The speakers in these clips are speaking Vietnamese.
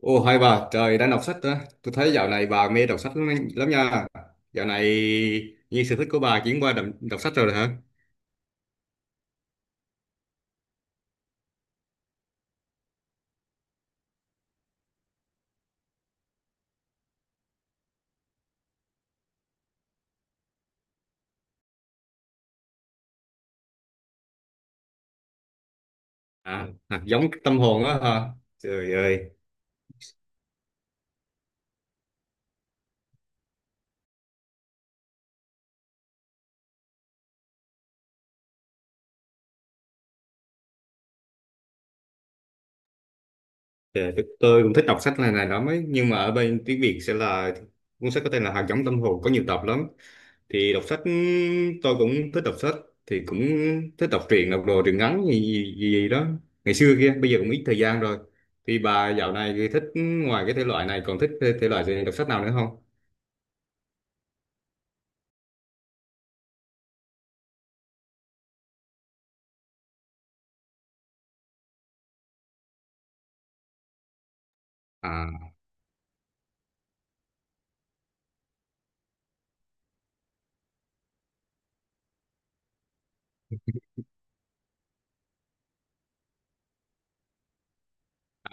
Ồ hai bà trời, đang đọc sách đó. Tôi thấy dạo này bà mê đọc sách lắm nha. Dạo này như sở thích của bà chuyển qua đọc sách rồi hả? À, hạt giống tâm hồn đó hả? Trời ơi, dạ, tôi cũng thích đọc sách này này lắm ấy, nhưng mà ở bên tiếng Việt sẽ là cuốn sách có tên là Hạt giống tâm hồn, có nhiều tập lắm. Thì đọc sách, tôi cũng thích đọc sách, thì cũng thích đọc truyện, đọc đồ truyện ngắn gì, gì, gì gì đó ngày xưa kia, bây giờ cũng ít thời gian rồi. Thì bà dạo này thì thích, ngoài cái thể loại này còn thích thể loại gì, đọc sách nào nữa không? À,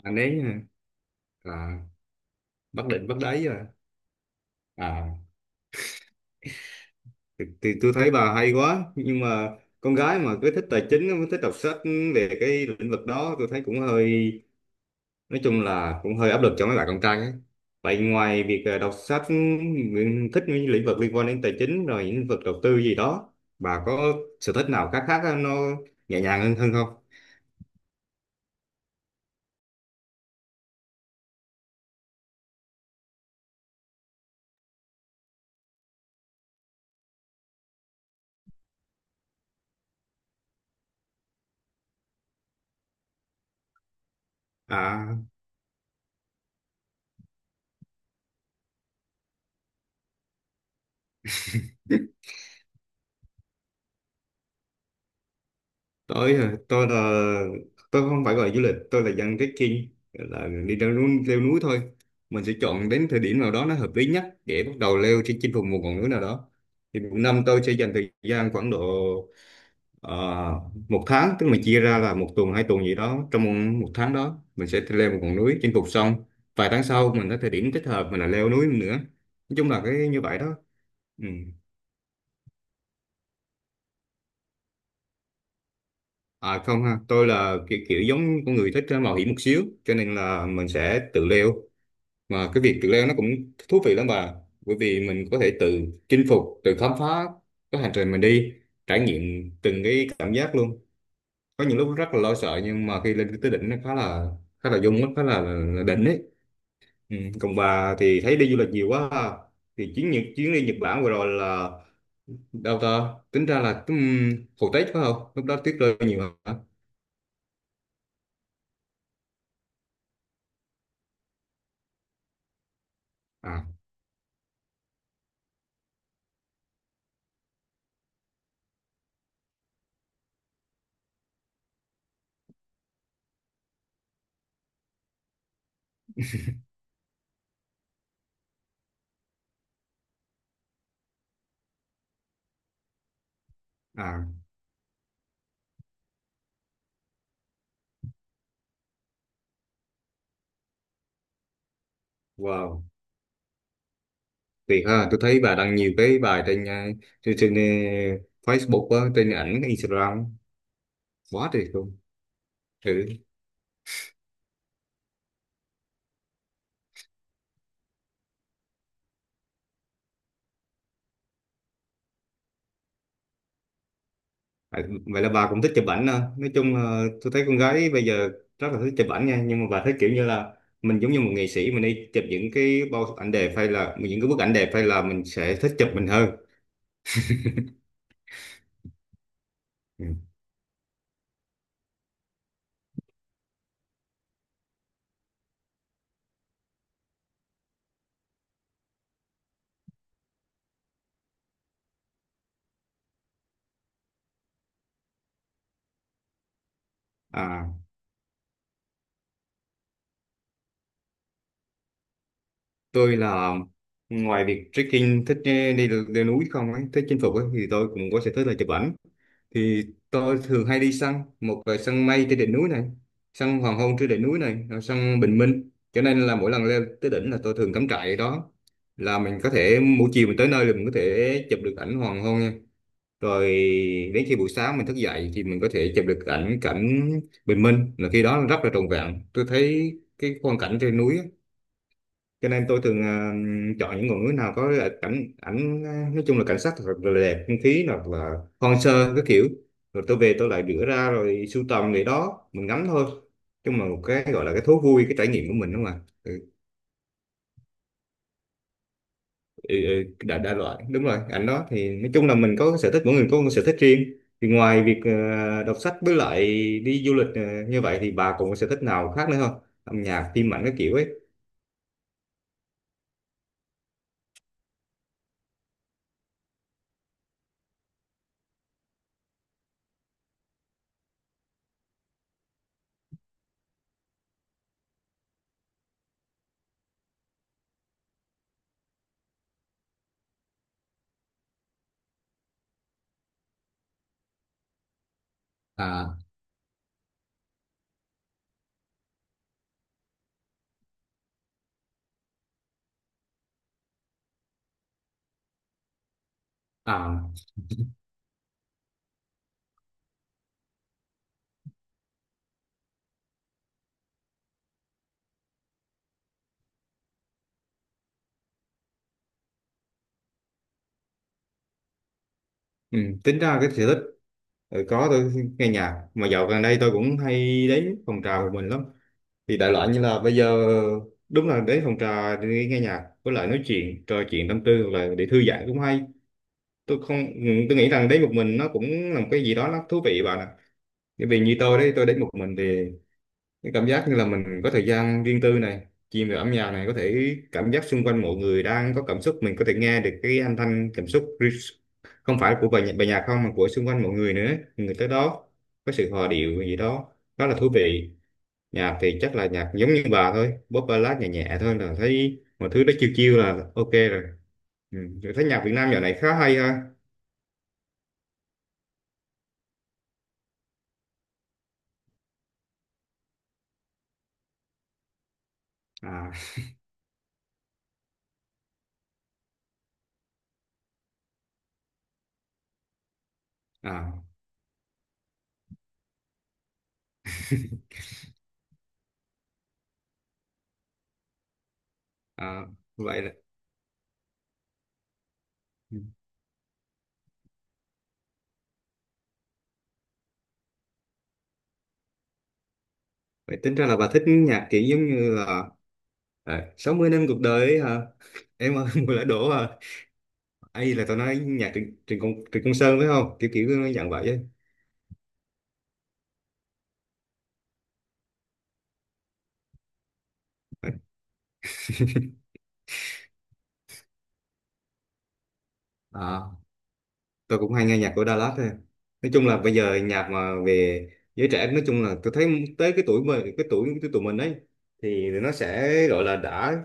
à nếu như-, à, Bắc Định bất Đáy à? À thì tôi thấy bà hay quá, nhưng mà con gái mà cứ thích tài chính, mới thích đọc sách về cái lĩnh vực đó, tôi thấy cũng hơi, nói chung là cũng hơi áp lực cho mấy bạn con trai ấy. Vậy ngoài việc đọc sách, Nguyễn thích những lĩnh vực liên quan đến tài chính rồi những lĩnh vực đầu tư gì đó, bà có sở thích nào khác khác nó nhẹ nhàng hơn hơn không? À tôi tôi là, tôi không phải gọi là du lịch, tôi là dân trekking, là đi leo núi thôi. Mình sẽ chọn đến thời điểm nào đó nó hợp lý nhất để bắt đầu leo trên chinh phục một ngọn núi nào đó. Thì một năm tôi sẽ dành thời gian khoảng độ, ờ, một tháng, tức mình chia ra là một tuần hai tuần gì đó, trong một một tháng đó mình sẽ leo một ngọn núi chinh phục xong, vài tháng sau mình có thời điểm thích hợp mình là leo núi nữa. Nói chung là cái như vậy đó, ừ. À không ha, tôi là kiểu giống con người thích mạo hiểm một xíu, cho nên là mình sẽ tự leo. Mà cái việc tự leo nó cũng thú vị lắm bà, bởi vì mình có thể tự chinh phục, tự khám phá cái hành trình mình đi, trải nghiệm từng cái cảm giác luôn. Có những lúc rất là lo sợ, nhưng mà khi lên tới đỉnh nó khá là dung á, khá là đỉnh ấy. Ừ, còn bà thì thấy đi du lịch nhiều quá ha. Thì chuyến Nhật, chuyến đi Nhật Bản vừa rồi là, đâu ta tính ra là, hồi Tết phải không, lúc đó tuyết rơi nhiều hả? À, à, wow, tuyệt ha. Tôi thấy bà đăng nhiều cái bài trên trên Facebook á, trên ảnh Instagram, quá tuyệt luôn. Ừ. À, vậy là bà cũng thích chụp ảnh à. Nói chung là tôi thấy con gái bây giờ rất là thích chụp ảnh nha, nhưng mà bà thấy kiểu như là mình giống như một nghệ sĩ, mình đi chụp những cái bao ảnh đẹp hay là những cái bức ảnh đẹp, hay là mình sẽ thích chụp mình hơn? Ừ. À tôi là, ngoài việc trekking thích đi, đi, leo núi không ấy, thích chinh phục ấy, thì tôi cũng có sở thích là chụp ảnh. Thì tôi thường hay đi săn, một là săn mây trên đỉnh núi này, săn hoàng hôn trên đỉnh núi này, rồi săn bình minh, cho nên là mỗi lần leo tới đỉnh là tôi thường cắm trại ở đó, là mình có thể buổi chiều mình tới nơi là mình có thể chụp được ảnh hoàng hôn nha. Rồi đến khi buổi sáng mình thức dậy thì mình có thể chụp được ảnh cảnh bình minh, là khi đó rất là trọn vẹn tôi thấy, cái quang cảnh trên núi á, cho nên tôi thường chọn những ngọn núi nào có là cảnh ảnh nói chung là cảnh sắc thật là đẹp, không khí hoặc là hoang sơ cái kiểu. Rồi tôi về tôi lại rửa ra rồi sưu tầm để đó mình ngắm thôi. Chung là một cái gọi là cái thú vui, cái trải nghiệm của mình đúng không ạ, ừ, ừ, ừ, đa loại đúng rồi, ảnh đó thì nói chung là mình có cái sở thích, mỗi người có một sở thích riêng. Thì ngoài việc đọc sách với lại đi du lịch như vậy, thì bà còn có sở thích nào khác nữa không, âm nhạc phim ảnh cái kiểu ấy? À, à, ừ, tính ra cái sở thích, ừ, có, tôi nghe nhạc mà dạo gần đây tôi cũng hay đến phòng trà của mình lắm, thì đại loại như là bây giờ, đúng là đến phòng trà để nghe nhạc với lại nói chuyện, trò chuyện tâm tư hoặc là để thư giãn cũng hay. Tôi không tôi nghĩ rằng đến một mình nó cũng là một cái gì đó nó thú vị bạn ạ, bởi vì như tôi đấy, tôi đến một mình thì cái cảm giác như là mình có thời gian riêng tư này, chìm vào âm nhạc này, có thể cảm giác xung quanh mọi người đang có cảm xúc, mình có thể nghe được cái âm thanh cảm xúc không phải của bài nhạc, bài nhạc không mà của xung quanh mọi người nữa, người tới đó có sự hòa điệu gì đó, đó là thú vị. Nhạc thì chắc là nhạc giống như bà thôi, pop ballad nhẹ nhẹ thôi, là thấy mọi thứ đó chiêu chiêu là ok rồi. Ừ. Rồi thấy nhạc Việt Nam dạo này khá hay ha. À, à, à vậy là, vậy tính ra là bà thích nhạc kiểu giống như là, à, 60 năm cuộc đời ấy hả? Em ơi, mùa lã đổ hả? Ấy là tao nói nhạc Trịnh, Trịnh Công Sơn phải không? Kiểu kiểu nó dặn vậy ấy. À, tôi cũng hay nghe nhạc của Dallas thôi. Nói chung là bây giờ nhạc mà về giới trẻ, nói chung là tôi thấy tới cái tuổi mà cái tuổi của tụi mình ấy, thì nó sẽ gọi là đã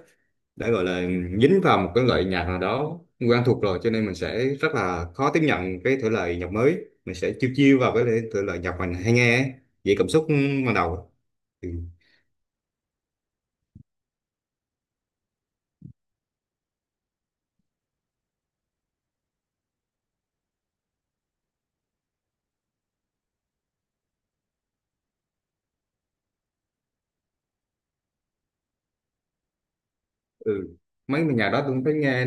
đã gọi là dính vào một cái loại nhạc nào đó quen thuộc rồi, cho nên mình sẽ rất là khó tiếp nhận cái thể loại nhạc mới, mình sẽ chiêu chiêu vào cái thể loại nhạc mình hay nghe ấy. Vậy cảm xúc ban đầu, ừ, mấy mà nhạc đó tôi thấy nghe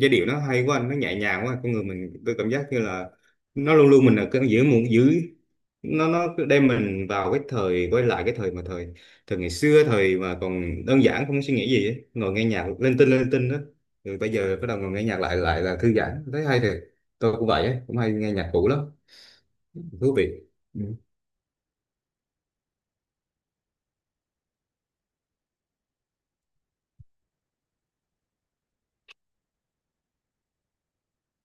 giai điệu nó hay quá, nó nhẹ nhàng quá, con người mình tôi cảm giác như là nó luôn luôn mình ở cái giữa một giữ, nó cứ đem mình vào cái thời, quay lại cái thời mà thời thời ngày xưa, thời mà còn đơn giản không có suy nghĩ gì ấy. Ngồi nghe nhạc lên tinh, lên tinh đó, rồi bây giờ bắt đầu ngồi nghe nhạc lại lại là thư giãn, thấy hay thiệt. Tôi cũng vậy ấy, cũng hay nghe nhạc cũ lắm, thú vị. Ừ.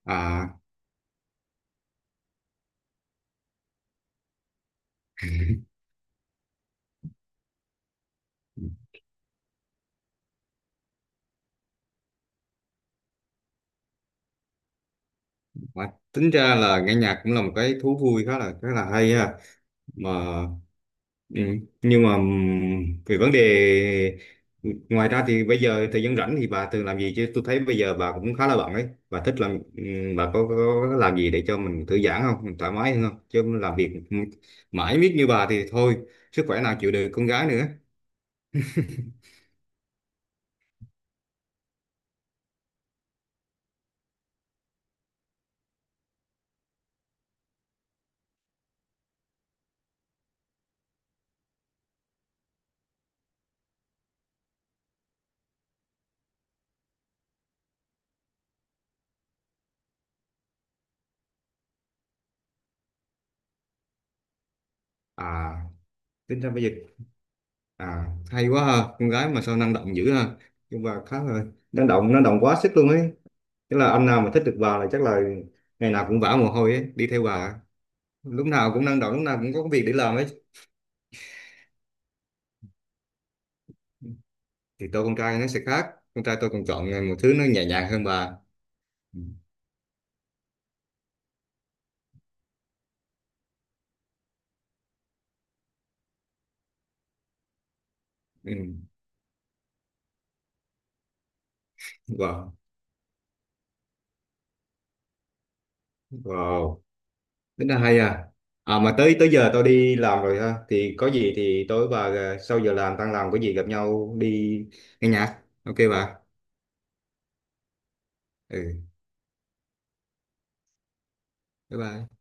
À mà tính ra là nghe nhạc cũng là một cái thú vui khá là hay ha. Mà, ừ. Nhưng mà về vấn đề, ngoài ra thì bây giờ thời gian rảnh thì bà thường làm gì, chứ tôi thấy bây giờ bà cũng khá là bận ấy, bà thích làm, bà có làm gì để cho mình thư giãn không, mình thoải mái hơn không, chứ làm việc mãi miết như bà thì thôi, sức khỏe nào chịu được, con gái nữa. À tính ra bây giờ, à, hay quá ha, con gái mà sao năng động dữ ha, nhưng mà khá là năng động, quá sức luôn ấy, tức là anh nào mà thích được bà là chắc là ngày nào cũng vã mồ hôi ấy đi theo bà, lúc nào cũng năng động, lúc nào cũng có việc để làm ấy. Thì tôi con trai nó sẽ khác, con trai tôi còn chọn một thứ nó nhẹ nhàng hơn bà. Ừ. Ừ. Wow, wow, tính là hay à. À mà tới tới giờ tôi đi làm rồi ha, thì có gì thì tối bà sau giờ làm, tan làm có gì gặp nhau đi nghe nhạc ok bà. Ừ, bye bye.